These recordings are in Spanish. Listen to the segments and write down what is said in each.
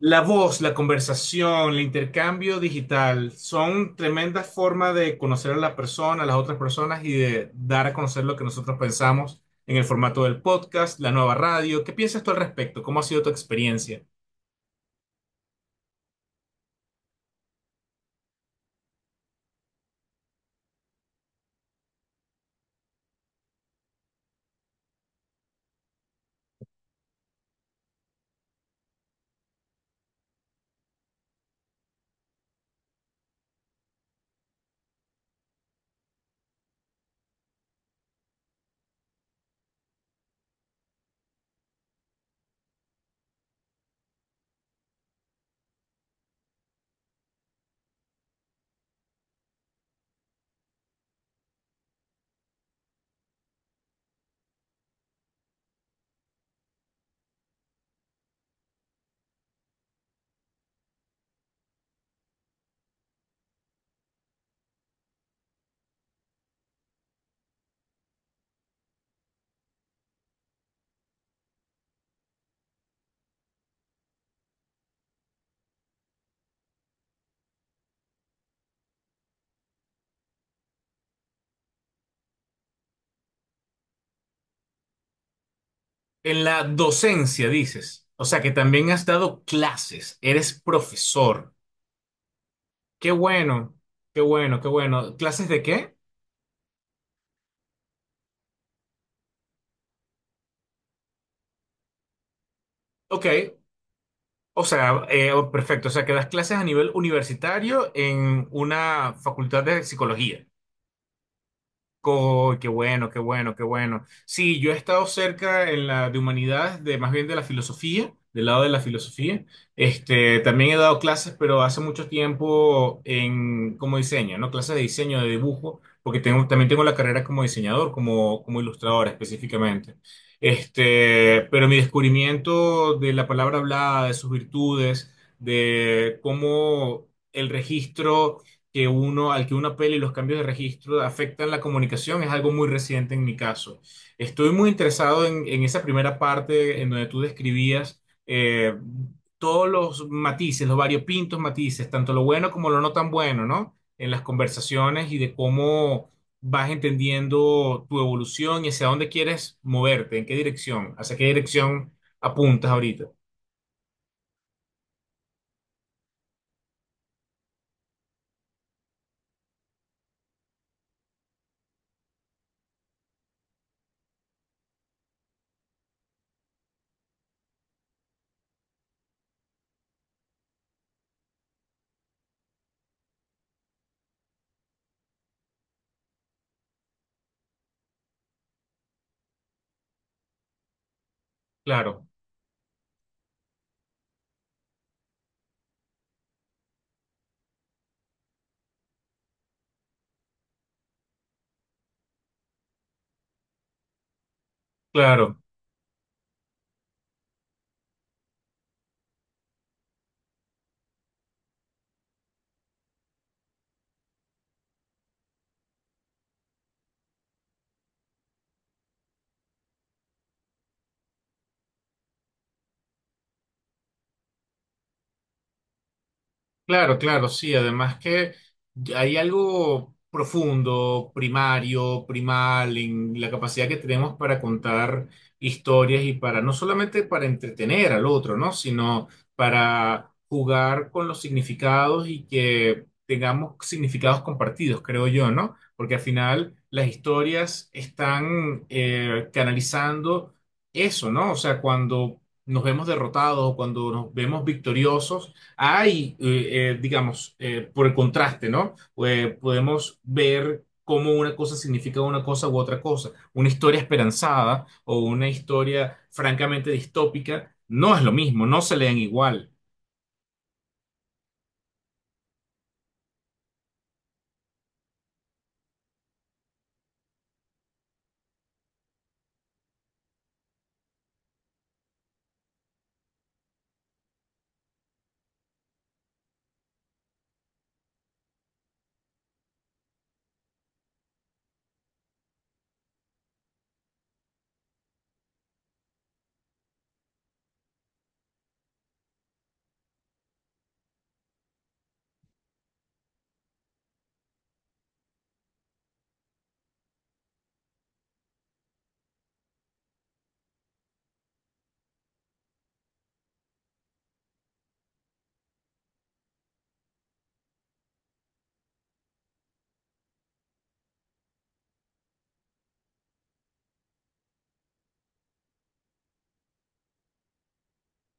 La voz, la conversación, el intercambio digital son tremendas formas de conocer a la persona, a las otras personas y de dar a conocer lo que nosotros pensamos en el formato del podcast, la nueva radio. ¿Qué piensas tú al respecto? ¿Cómo ha sido tu experiencia? En la docencia, dices. O sea, que también has dado clases, eres profesor. Qué bueno, qué bueno, qué bueno. ¿Clases de qué? Ok, o sea, oh, perfecto. O sea, que das clases a nivel universitario en una facultad de psicología. Co- qué bueno, qué bueno, qué bueno. Sí, yo he estado cerca en la de humanidades, de más bien de la filosofía, del lado de la filosofía. Este, también he dado clases, pero hace mucho tiempo en como diseño, ¿no? Clases de diseño, de dibujo, porque tengo, también tengo la carrera como diseñador, como, como ilustrador específicamente. Este, pero mi descubrimiento de la palabra hablada, de sus virtudes, de cómo el registro que uno, al que una peli y los cambios de registro afectan la comunicación es algo muy reciente en mi caso. Estoy muy interesado en esa primera parte en donde tú describías todos los matices, los variopintos matices, tanto lo bueno como lo no tan bueno, ¿no? En las conversaciones y de cómo vas entendiendo tu evolución y hacia dónde quieres moverte, en qué dirección, hacia qué dirección apuntas ahorita. Claro, claro. Claro, claro, sí. Además que hay algo profundo, primario, primal en la capacidad que tenemos para contar historias y para no solamente para entretener al otro, ¿no? Sino para jugar con los significados y que tengamos significados compartidos, creo yo, ¿no? Porque al final las historias están canalizando eso, ¿no? O sea, cuando nos vemos derrotados o cuando nos vemos victoriosos hay, digamos, por el contraste, ¿no? Podemos ver cómo una cosa significa una cosa u otra cosa. Una historia esperanzada o una historia francamente distópica no es lo mismo, no se leen igual.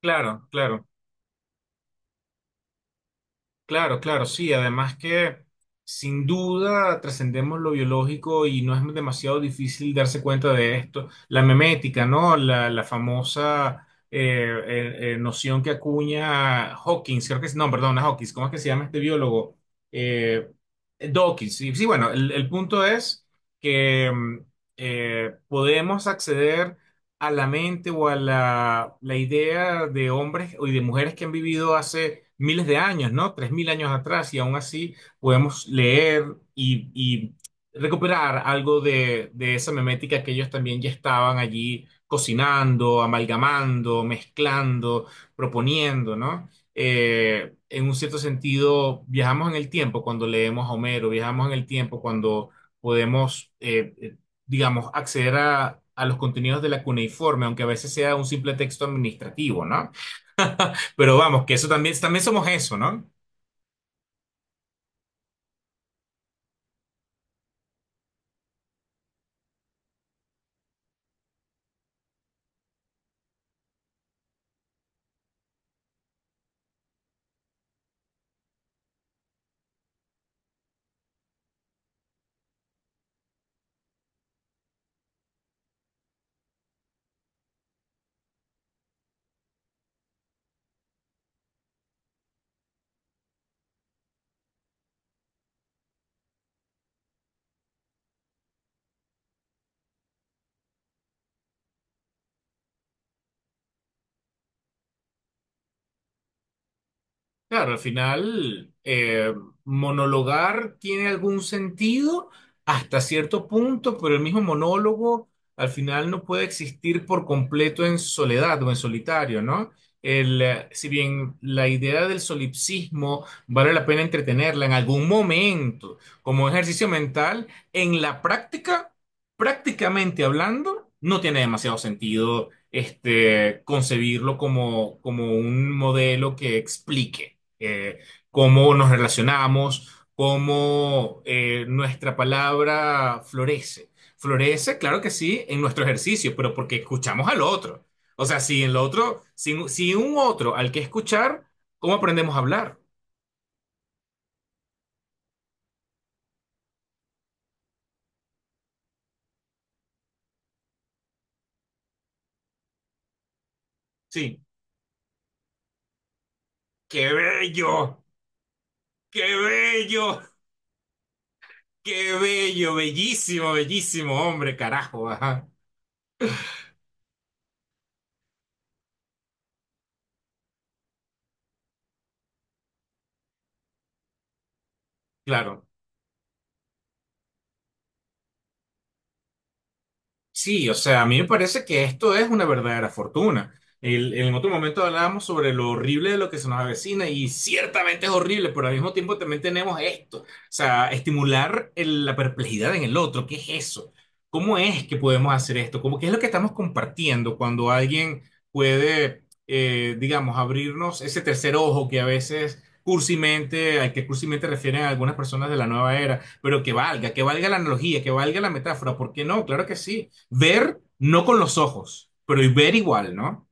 Claro, claro. Claro, claro, sí. Además que sin duda trascendemos lo biológico y no es demasiado difícil darse cuenta de esto. La memética, ¿no? La famosa noción que acuña Hawkins, creo que es, no, perdón, no es Hawkins, ¿cómo es que se llama este biólogo? Eh, Dawkins. Sí, sí, bueno, el punto es que podemos acceder a la mente o a la idea de hombres y de mujeres que han vivido hace miles de años, ¿no? 3000 años atrás, y aún así podemos leer y recuperar algo de esa memética que ellos también ya estaban allí cocinando, amalgamando, mezclando, proponiendo, ¿no? En un cierto sentido, viajamos en el tiempo cuando leemos a Homero, viajamos en el tiempo cuando podemos digamos, acceder a los contenidos de la cuneiforme, aunque a veces sea un simple texto administrativo, ¿no? Pero vamos, que eso también, también somos eso, ¿no? Claro, al final, monologar tiene algún sentido hasta cierto punto, pero el mismo monólogo al final no puede existir por completo en soledad o en solitario, ¿no? Si bien la idea del solipsismo vale la pena entretenerla en algún momento como ejercicio mental, en la práctica, prácticamente hablando, no tiene demasiado sentido este, concebirlo como, como un modelo que explique eh, cómo nos relacionamos, cómo nuestra palabra florece. Florece, claro que sí, en nuestro ejercicio, pero porque escuchamos al otro. O sea, si el otro, si, si un otro al que escuchar, ¿cómo aprendemos a hablar? Sí, qué bello, qué bello, qué bello, bellísimo, bellísimo, hombre, carajo, ajá, claro. Sí, o sea, a mí me parece que esto es una verdadera fortuna. El- en otro momento hablábamos sobre lo horrible de lo que se nos avecina y ciertamente es horrible, pero al mismo tiempo también tenemos esto. O sea, estimular el- la perplejidad en el otro. ¿Qué es eso? ¿Cómo es que podemos hacer esto? ¿Cómo, qué es lo que estamos compartiendo cuando alguien puede, digamos, abrirnos ese tercer ojo que a veces cursimente, al que cursimente refieren algunas personas de la nueva era, pero que valga la analogía, que valga la metáfora. ¿Por qué no? Claro que sí. Ver, no con los ojos, pero y ver igual, ¿no?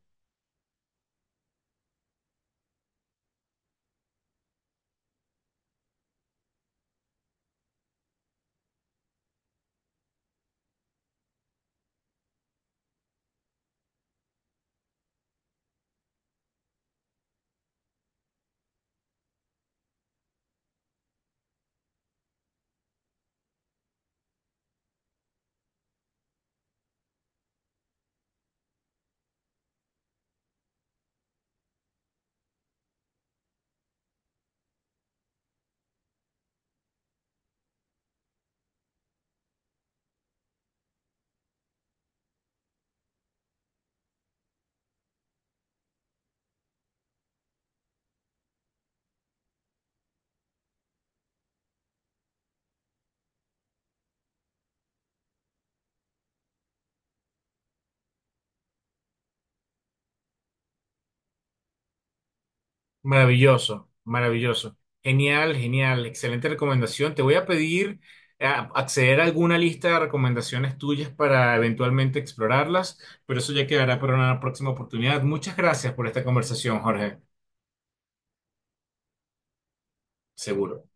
Maravilloso, maravilloso. Genial, genial. Excelente recomendación. Te voy a pedir eh, acceder a alguna lista de recomendaciones tuyas para eventualmente explorarlas, pero eso ya quedará para una próxima oportunidad. Muchas gracias por esta conversación, Jorge. Seguro.